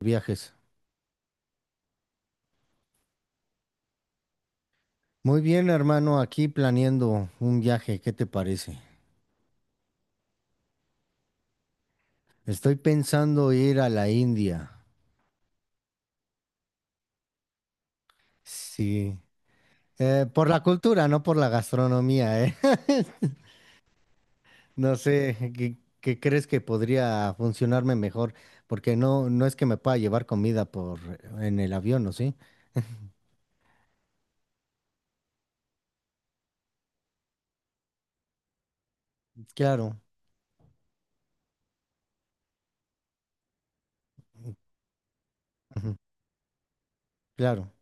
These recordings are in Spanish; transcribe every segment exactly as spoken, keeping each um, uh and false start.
Viajes. Muy bien, hermano, aquí planeando un viaje, ¿qué te parece? Estoy pensando ir a la India. Sí. Eh, por la cultura, no por la gastronomía, ¿eh? No sé, ¿qué, qué crees que podría funcionarme mejor? Porque no, no es que me pueda llevar comida por en el avión, ¿o sí? Claro, ujú, claro.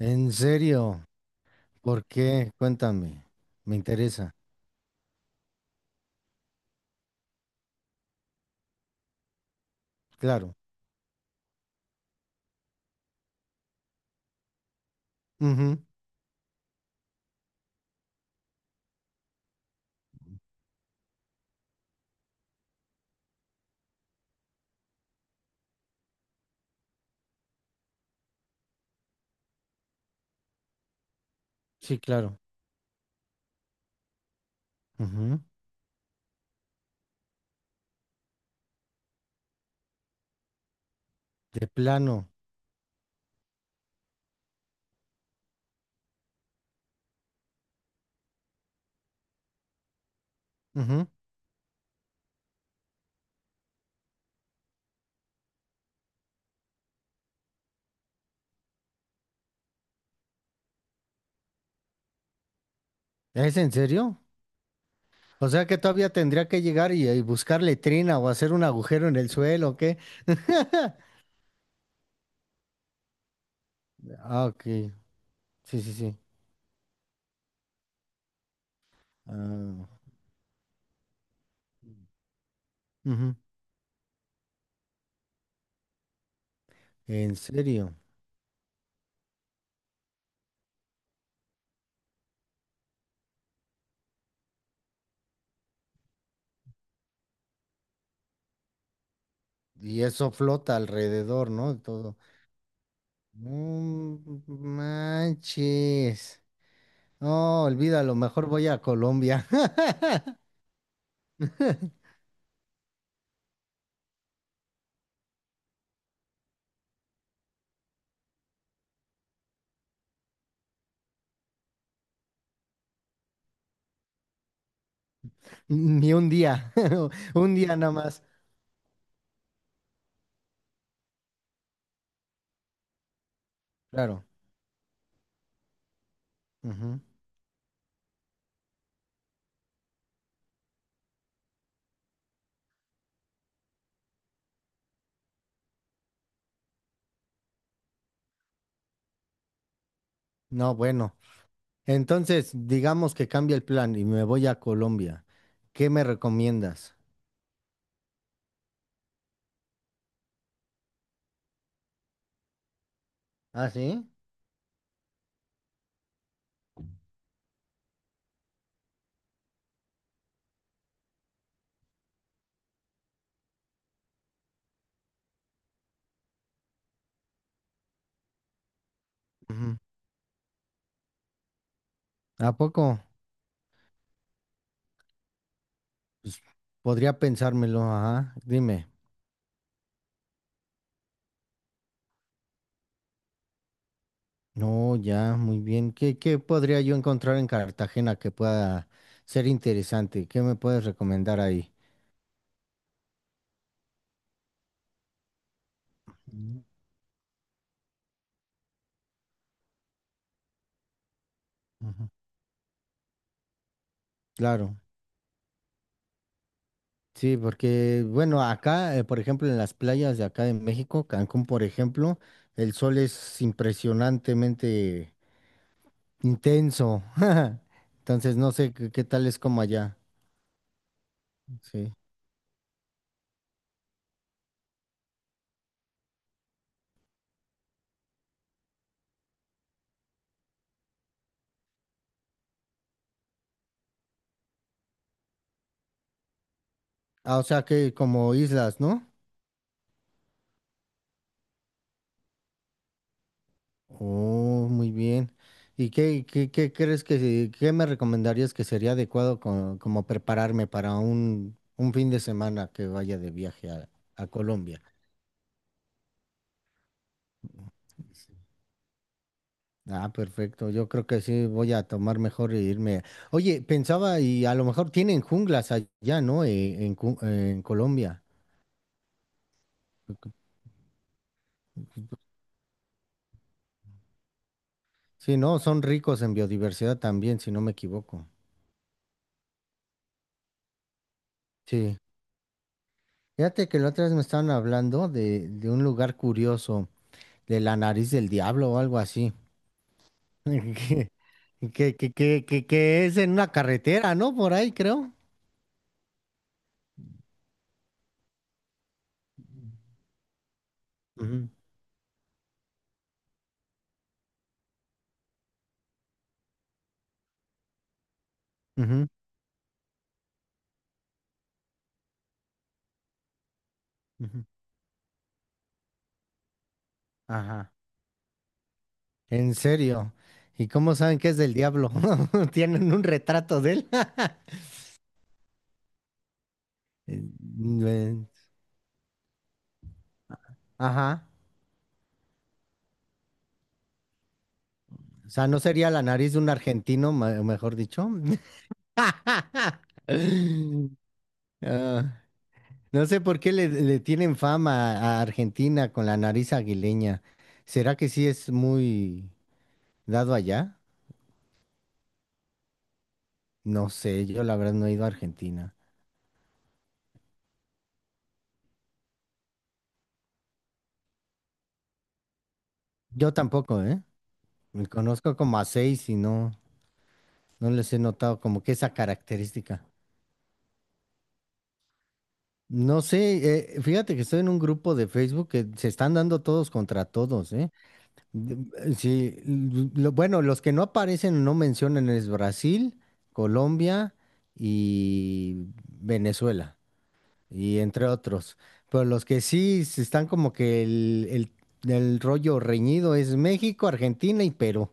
¿En serio? ¿Por qué? Cuéntame. Me interesa. Claro. Ujú. Sí, claro. Ujú. De plano. ¿Es en serio? O sea que todavía tendría que llegar y, y buscar letrina o hacer un agujero en el suelo, ¿o qué? Ah, ok. Sí, sí, sí. Ah, ujú. En serio. Y eso flota alrededor, ¿no? De todo. No manches. No, olvídalo, mejor voy a Colombia. Ni un día. Un día nada más. Claro. Ujú. No, bueno. Entonces, digamos que cambia el plan y me voy a Colombia. ¿Qué me recomiendas? ¿Ah, sí? Ujú. ¿A poco? Pues, podría pensármelo, ajá. Dime. No, ya, muy bien. ¿Qué, qué podría yo encontrar en Cartagena que pueda ser interesante? ¿Qué me puedes recomendar ahí? Mm, ujú. Claro, sí, porque, bueno, acá, eh, por ejemplo, en las playas de acá de México, Cancún, por ejemplo, el sol es impresionantemente intenso. Entonces no sé qué, qué tal es como allá. Sí. Ah, o sea que como islas, ¿no? Oh, muy bien. ¿Y qué, qué, qué crees que se- qué me recomendarías que sería adecuado co- como prepararme para un, un fin de semana que vaya de viaje a, a Colombia? Ah, perfecto. Yo creo que sí voy a tomar mejor e irme. Oye, pensaba y a lo mejor tienen junglas allá, ¿no? Eh, en, Cu- en Colombia. Sí, no, son ricos en biodiversidad también, si no me equivoco. Sí. Fíjate que la otra vez me estaban hablando de, de un lugar curioso, de la nariz del diablo o algo así. Que, que, que, que, que- que es en una carretera, ¿no? Por ahí, creo. Ujú, ujú, ujú. Ajá. En serio. ¿Y cómo saben que es del diablo? ¿Tienen un retrato de él? Eh, eh, Ajá. O sea, ¿no sería la nariz de un argentino, me- mejor dicho? Ah, no sé por qué le, le tienen fama a Argentina con la nariz aguileña. ¿Será que sí es muy dado allá? No sé, yo la verdad no he ido a Argentina. Yo tampoco, ¿eh? Me conozco como a seis y no, no les he notado como que esa característica. No sé, eh, fíjate que estoy en un grupo de Facebook que se están dando todos contra todos, ¿eh? De- eh, Sí, l- lo- bueno, los que no aparecen o no mencionan es Brasil, Colombia y Venezuela. Y entre otros. Pero los que sí se están como que el, el, el rollo reñido es México, Argentina y Perú.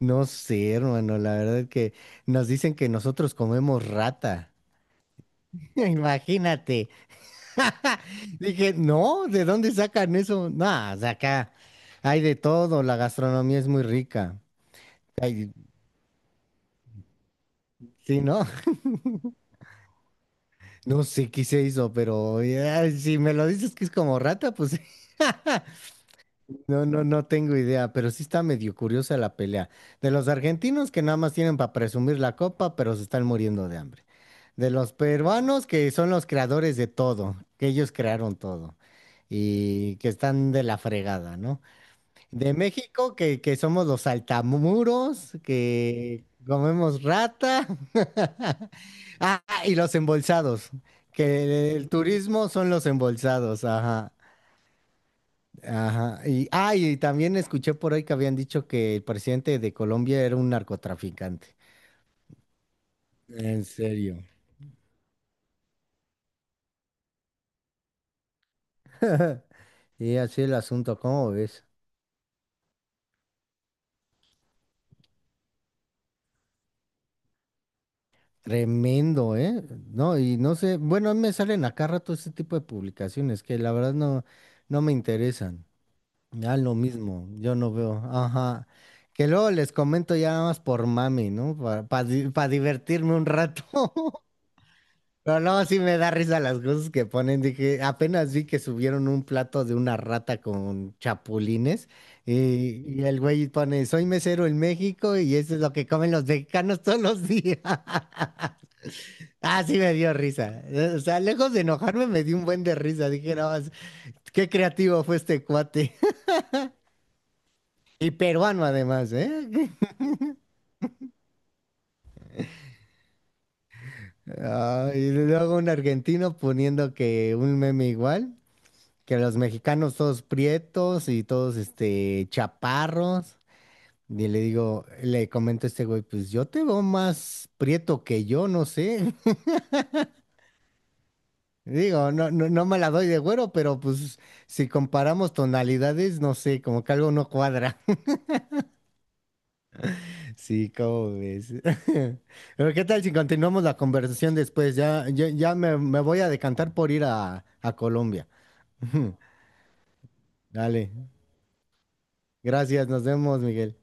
No sé, hermano, la verdad es que nos dicen que nosotros comemos rata. Imagínate. Dije, no, ¿de dónde sacan eso? No, de acá hay de todo, la gastronomía es muy rica. Ay, sí, ¿no? No sé qué se hizo, pero ya, si me lo dices que es como rata, pues No, no, no tengo idea, pero sí está medio curiosa la pelea. De los argentinos que nada más tienen para presumir la copa, pero se están muriendo de hambre. De los peruanos que son los creadores de todo, que ellos crearon todo y que están de la fregada, ¿no? De México que, que somos los saltamuros, que comemos rata. Ah, y los embolsados, que el turismo son los embolsados, ajá. Ajá. Y, ah, y también escuché por ahí que habían dicho que el presidente de Colombia era un narcotraficante. En serio. Y así el asunto, ¿cómo ves? Tremendo, ¿eh? No, y no sé, bueno, a mí me salen acá rato ese tipo de publicaciones que la verdad no, no me interesan. Ya lo mismo, yo no veo. Ajá. Que luego les comento ya nada más por mami, ¿no? Para divertirme un rato. Pero no, sí me da risa las cosas que ponen. Dije, apenas vi que subieron un plato de una rata con chapulines y, y el güey pone, soy mesero en México y eso es lo que comen los mexicanos todos los días. Ah, sí me dio risa. Eh, O sea, lejos de enojarme me dio un buen de risa. Dije, no, es- qué creativo fue este cuate. Y peruano además, ¿eh? Ah, y luego un argentino poniendo que un meme igual. Que los mexicanos todos prietos y todos este chaparros. Y le digo, le comento a este güey, pues yo te veo más prieto que yo, no sé. Digo, no, no, no me la doy de güero, pero pues si comparamos tonalidades, no sé, como que algo no cuadra. Sí, ¿cómo ves? Pero ¿qué tal si continuamos la conversación después? Ya, ya, ya me, me voy a decantar por ir a, a Colombia. Dale, gracias, nos vemos, Miguel.